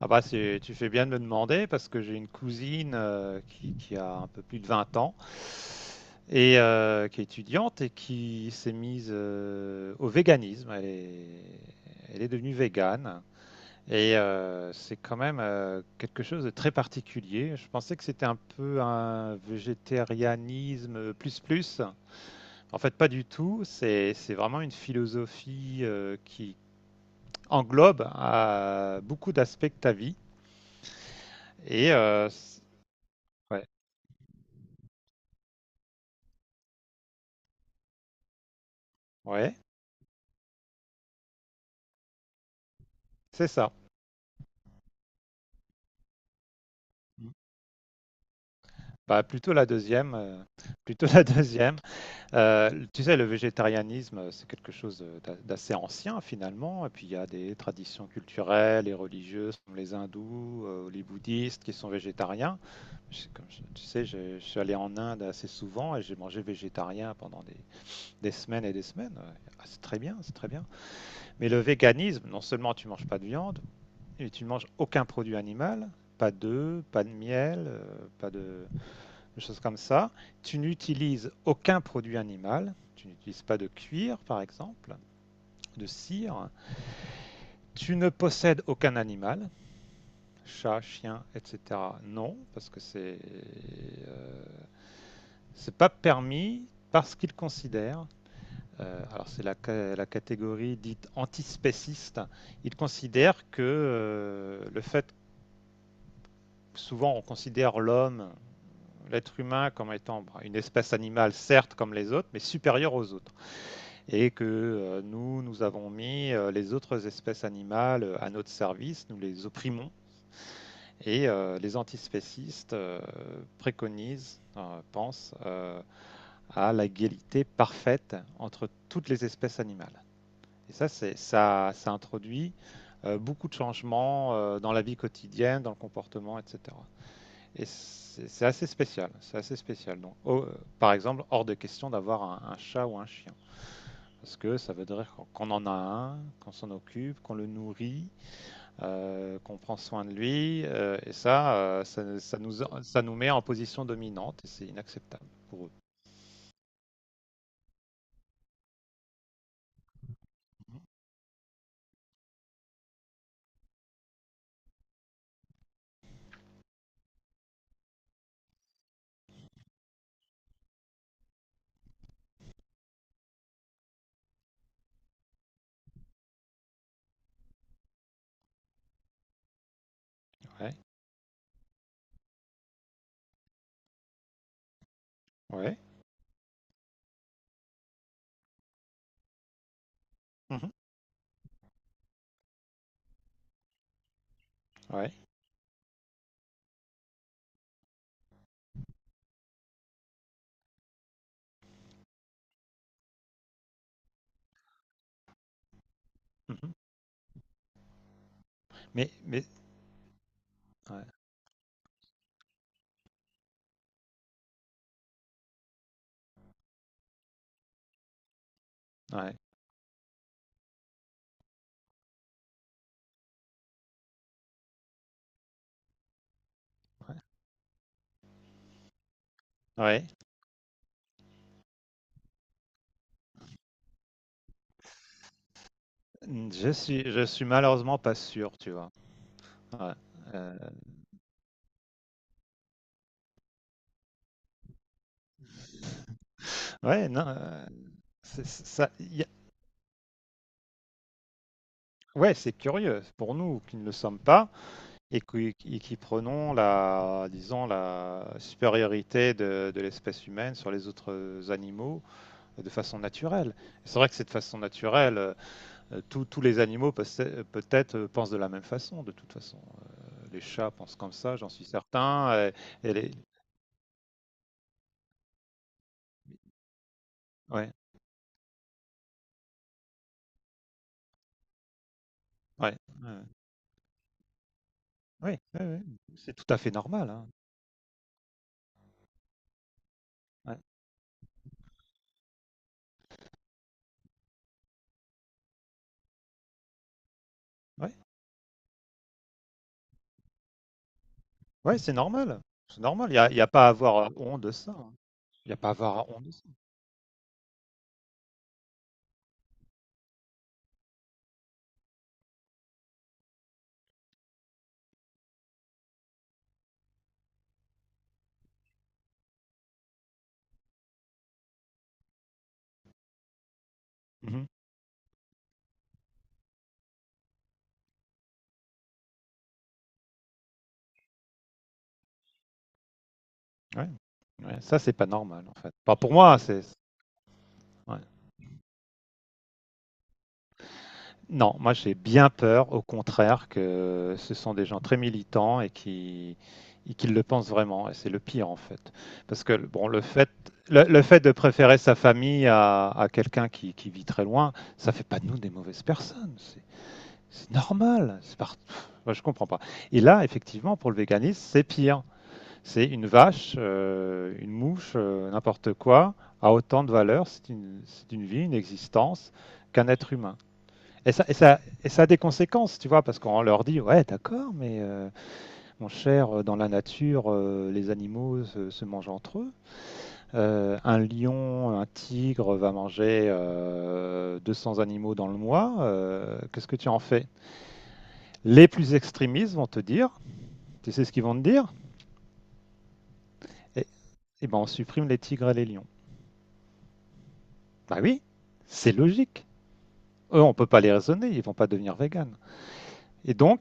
Ah bah c'est, tu fais bien de me demander parce que j'ai une cousine qui a un peu plus de 20 ans et qui est étudiante et qui s'est mise au véganisme. Elle est devenue végane et c'est quand même quelque chose de très particulier. Je pensais que c'était un peu un végétarianisme plus plus. En fait, pas du tout. C'est vraiment une philosophie qui englobe beaucoup d'aspects de ta vie. Et euh, Ouais, ouais, c'est ça. Mm. Bah, plutôt la deuxième, plutôt la deuxième. Tu sais, le végétarianisme, c'est quelque chose d'assez ancien finalement. Et puis il y a des traditions culturelles et religieuses, comme les hindous, les bouddhistes, qui sont végétariens. Tu sais, je suis allé en Inde assez souvent et j'ai mangé végétarien pendant des semaines et des semaines. Ouais. Ah, c'est très bien, c'est très bien. Mais le véganisme, non seulement tu manges pas de viande, et tu ne manges aucun produit animal, pas d'œufs, pas de miel, pas de, de choses comme ça. Tu n'utilises aucun produit animal. Tu n'utilises pas de cuir, par exemple, de cire. Tu ne possèdes aucun animal, chat, chien, etc. Non, parce que euh, c'est pas permis parce qu'ils considèrent. Alors c'est la catégorie dite antispéciste. Ils considèrent que le fait souvent on considère l'être humain comme étant bah, une espèce animale, certes comme les autres, mais supérieure aux autres. Et que nous avons mis les autres espèces animales à notre service, nous les opprimons. Et les antispécistes préconisent, pensent à l'égalité parfaite entre toutes les espèces animales. Et ça introduit beaucoup de changements dans la vie quotidienne, dans le comportement, etc. Et c'est assez spécial, c'est assez spécial. Donc, oh, par exemple, hors de question d'avoir un chat ou un chien, parce que ça veut dire qu'on- qu'on en a un, qu'on s'en occupe, qu'on le nourrit, qu'on prend soin de lui, ça nous met en position dominante, et c'est inacceptable pour eux. Ouais, ouais, mhm, ouais. Mhm. Mais, ouais, ouais, ouais. Ouais. Je suis malheureusement pas sûr, tu vois. Ouais, euh, ouais, non, c'est- ça, il ouais, c'est curieux pour nous qui ne le sommes pas et qui prenons la, disons, la supériorité de l'espèce humaine sur les autres animaux de façon naturelle. C'est vrai que c'est de façon naturelle, tous les animaux possè- peut-être pensent de la même façon, de toute façon. Les chats pensent comme ça, j'en suis certain. Et, les... Ouais, ouais, ouais, ouais, ouais, ouais. C'est tout à fait normal, hein. Ouais, ouais, ouais, c'est normal. C'est normal. Il y a pas à avoir honte de ça, hein. Il n'y a pas à avoir honte de ça. Mmh. Ouais. Ouais, ça, c'est pas normal, en fait. Pas pour moi, c'est ouais. Non, moi, j'ai bien peur, au contraire, que ce sont des gens très militants et qui le pensent vraiment et c'est le pire, en fait. Parce que, bon, le fait de préférer sa famille à quelqu'un qui vit très loin, ça fait pas de nous des mauvaises personnes. C'est normal, c'est part moi, je comprends pas et là, effectivement, pour le véganisme, c'est pire. C'est une vache, une mouche, n'importe quoi, a autant de valeur, c'est une vie, une existence, qu'un être humain. Et ça a des conséquences, tu vois, parce qu'on leur dit, ouais, d'accord, mais mon cher, dans la nature, les animaux se mangent entre eux. Un lion, un tigre va manger 200 animaux dans le mois. Qu'est-ce que tu en fais? Les plus extrémistes vont te dire, tu sais ce qu'ils vont te dire? Eh eh ben, on supprime les tigres et les lions. Bah oui, c'est logique. Eux, on peut pas les raisonner, ils vont pas devenir véganes. Et donc,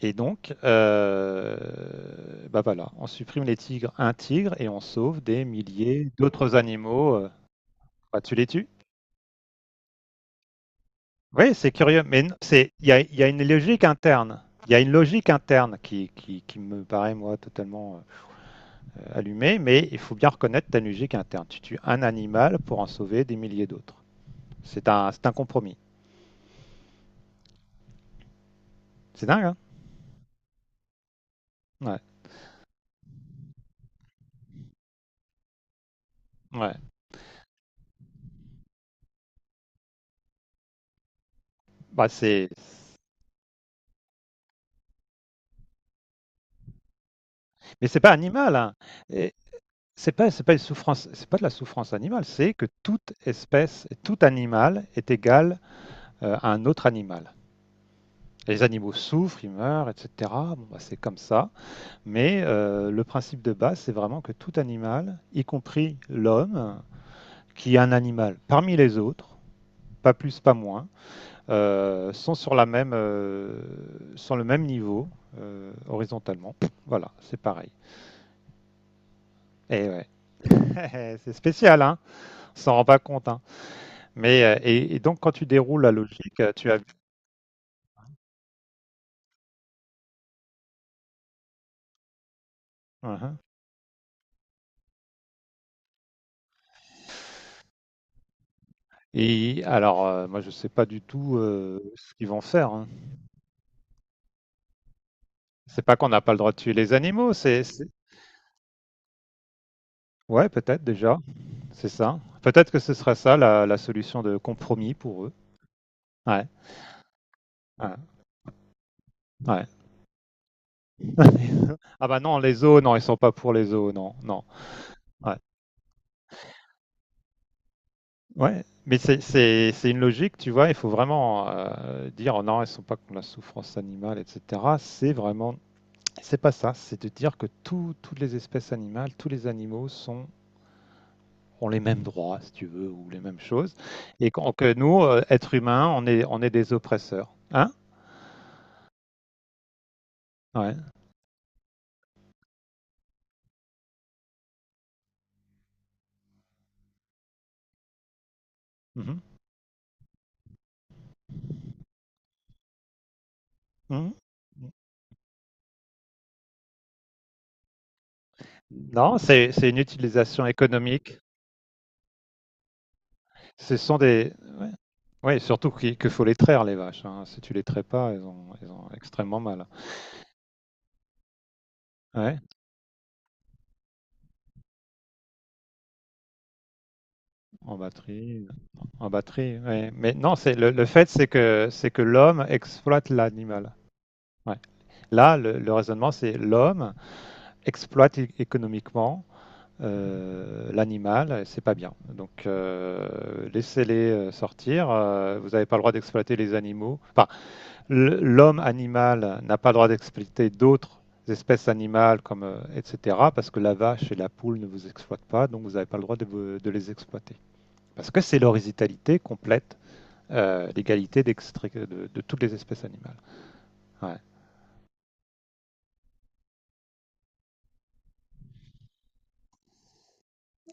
et donc, euh, Bah voilà, on supprime les tigres, un tigre, et on sauve des milliers d'autres animaux. Bah, tu les tues? Oui, c'est curieux, c'est, il y a une logique interne. Il y a une logique interne qui me paraît, moi, totalement allumée, mais il faut bien reconnaître ta logique interne. Tu tues un animal pour en sauver des milliers d'autres. C'est un compromis. C'est dingue, hein? Ouais. Ouais. Bah, c'est mais c'est pas animal, hein. Et c'est pas une souffrance, c'est pas de la souffrance animale, c'est que toute espèce, tout animal est égal à un autre animal. Les animaux souffrent, ils meurent, etc. Bon, bah, c'est comme ça. Mais le principe de base, c'est vraiment que tout animal, y compris l'homme, qui est un animal parmi les autres, pas plus, pas moins, sont le même niveau horizontalement. Voilà, c'est pareil. Et ouais, c'est spécial, hein. S'en rend pas compte, hein. Mais et donc quand tu déroules la logique, tu as. Mhm. Et alors, moi, je sais pas du tout ce qu'ils vont faire, hein. C'est pas qu'on n'a pas le droit de tuer les animaux, c'est. C'est- ouais, peut-être déjà, c'est ça. Peut-être que ce serait ça la solution de compromis pour eux. Ouais. Ouais. Ouais. Ah bah non, les zoos, non, ils sont pas pour les zoos, non, non. Ouais. Ouais. Mais c'est une logique, tu vois, il faut vraiment dire non, ils sont pas contre la souffrance animale, etc. C'est vraiment c'est pas ça, c'est de dire que tout- toutes les espèces animales, tous les animaux sont, ont les mêmes droits, si tu veux, ou les mêmes choses, et que nous, êtres humains, on est des oppresseurs. Hein? Ouais. Mhm. Mhm. Non, c'est une utilisation économique. Ce sont des... Oui, surtout qu'il que faut les traire, les vaches, hein. Si tu les traites pas, elles ont extrêmement mal. Ouais, en batterie. En batterie, ouais. Mais non, c'est le fait, c'est que l'homme exploite l'animal. Ouais. Là, le raisonnement, c'est l'homme exploite é- économiquement l'animal, et c'est pas bien. Donc, laissez-les sortir. Vous n'avez pas le droit d'exploiter les animaux. Enfin, l'homme animal n'a pas le droit d'exploiter d'autres espèces animales, comme, etc., parce que la vache et la poule ne vous exploitent pas, donc vous n'avez pas le droit de, vous- de les exploiter. Parce que c'est l'horizontalité complète, l'égalité d'extrait- de toutes les espèces animales. Ouais.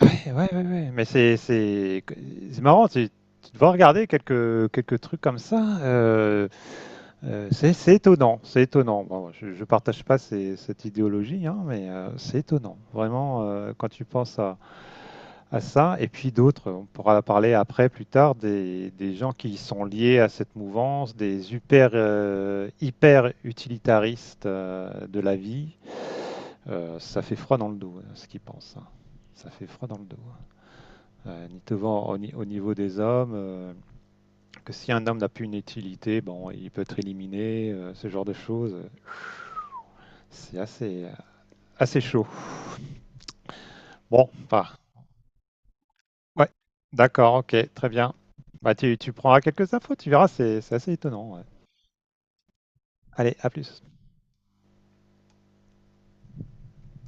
Ouais, ouais, ouais. Mais c'est c'est marrant. Tu devrais regarder quelques trucs comme ça. C'est étonnant. C'est étonnant. Bon, je, ne partage pas ces- cette idéologie, hein, mais c'est étonnant. Vraiment, quand tu penses à ça, et puis d'autres, on pourra parler après, plus tard, des gens qui sont liés à cette mouvance, des hyper hyper utilitaristes de la vie. Ça fait froid dans le dos, hein, ce qu'ils pensent, hein. Ça fait froid dans le dos, hein. Ni devant au, ni- au niveau des hommes, que si un homme n'a plus une utilité, bon, il peut être éliminé, ce genre de choses. C'est assez, assez chaud. Bon, enfin, ouais, d'accord, ok, très bien. Bah, tu prendras quelques infos, tu verras, c'est assez étonnant, ouais. Allez, à plus.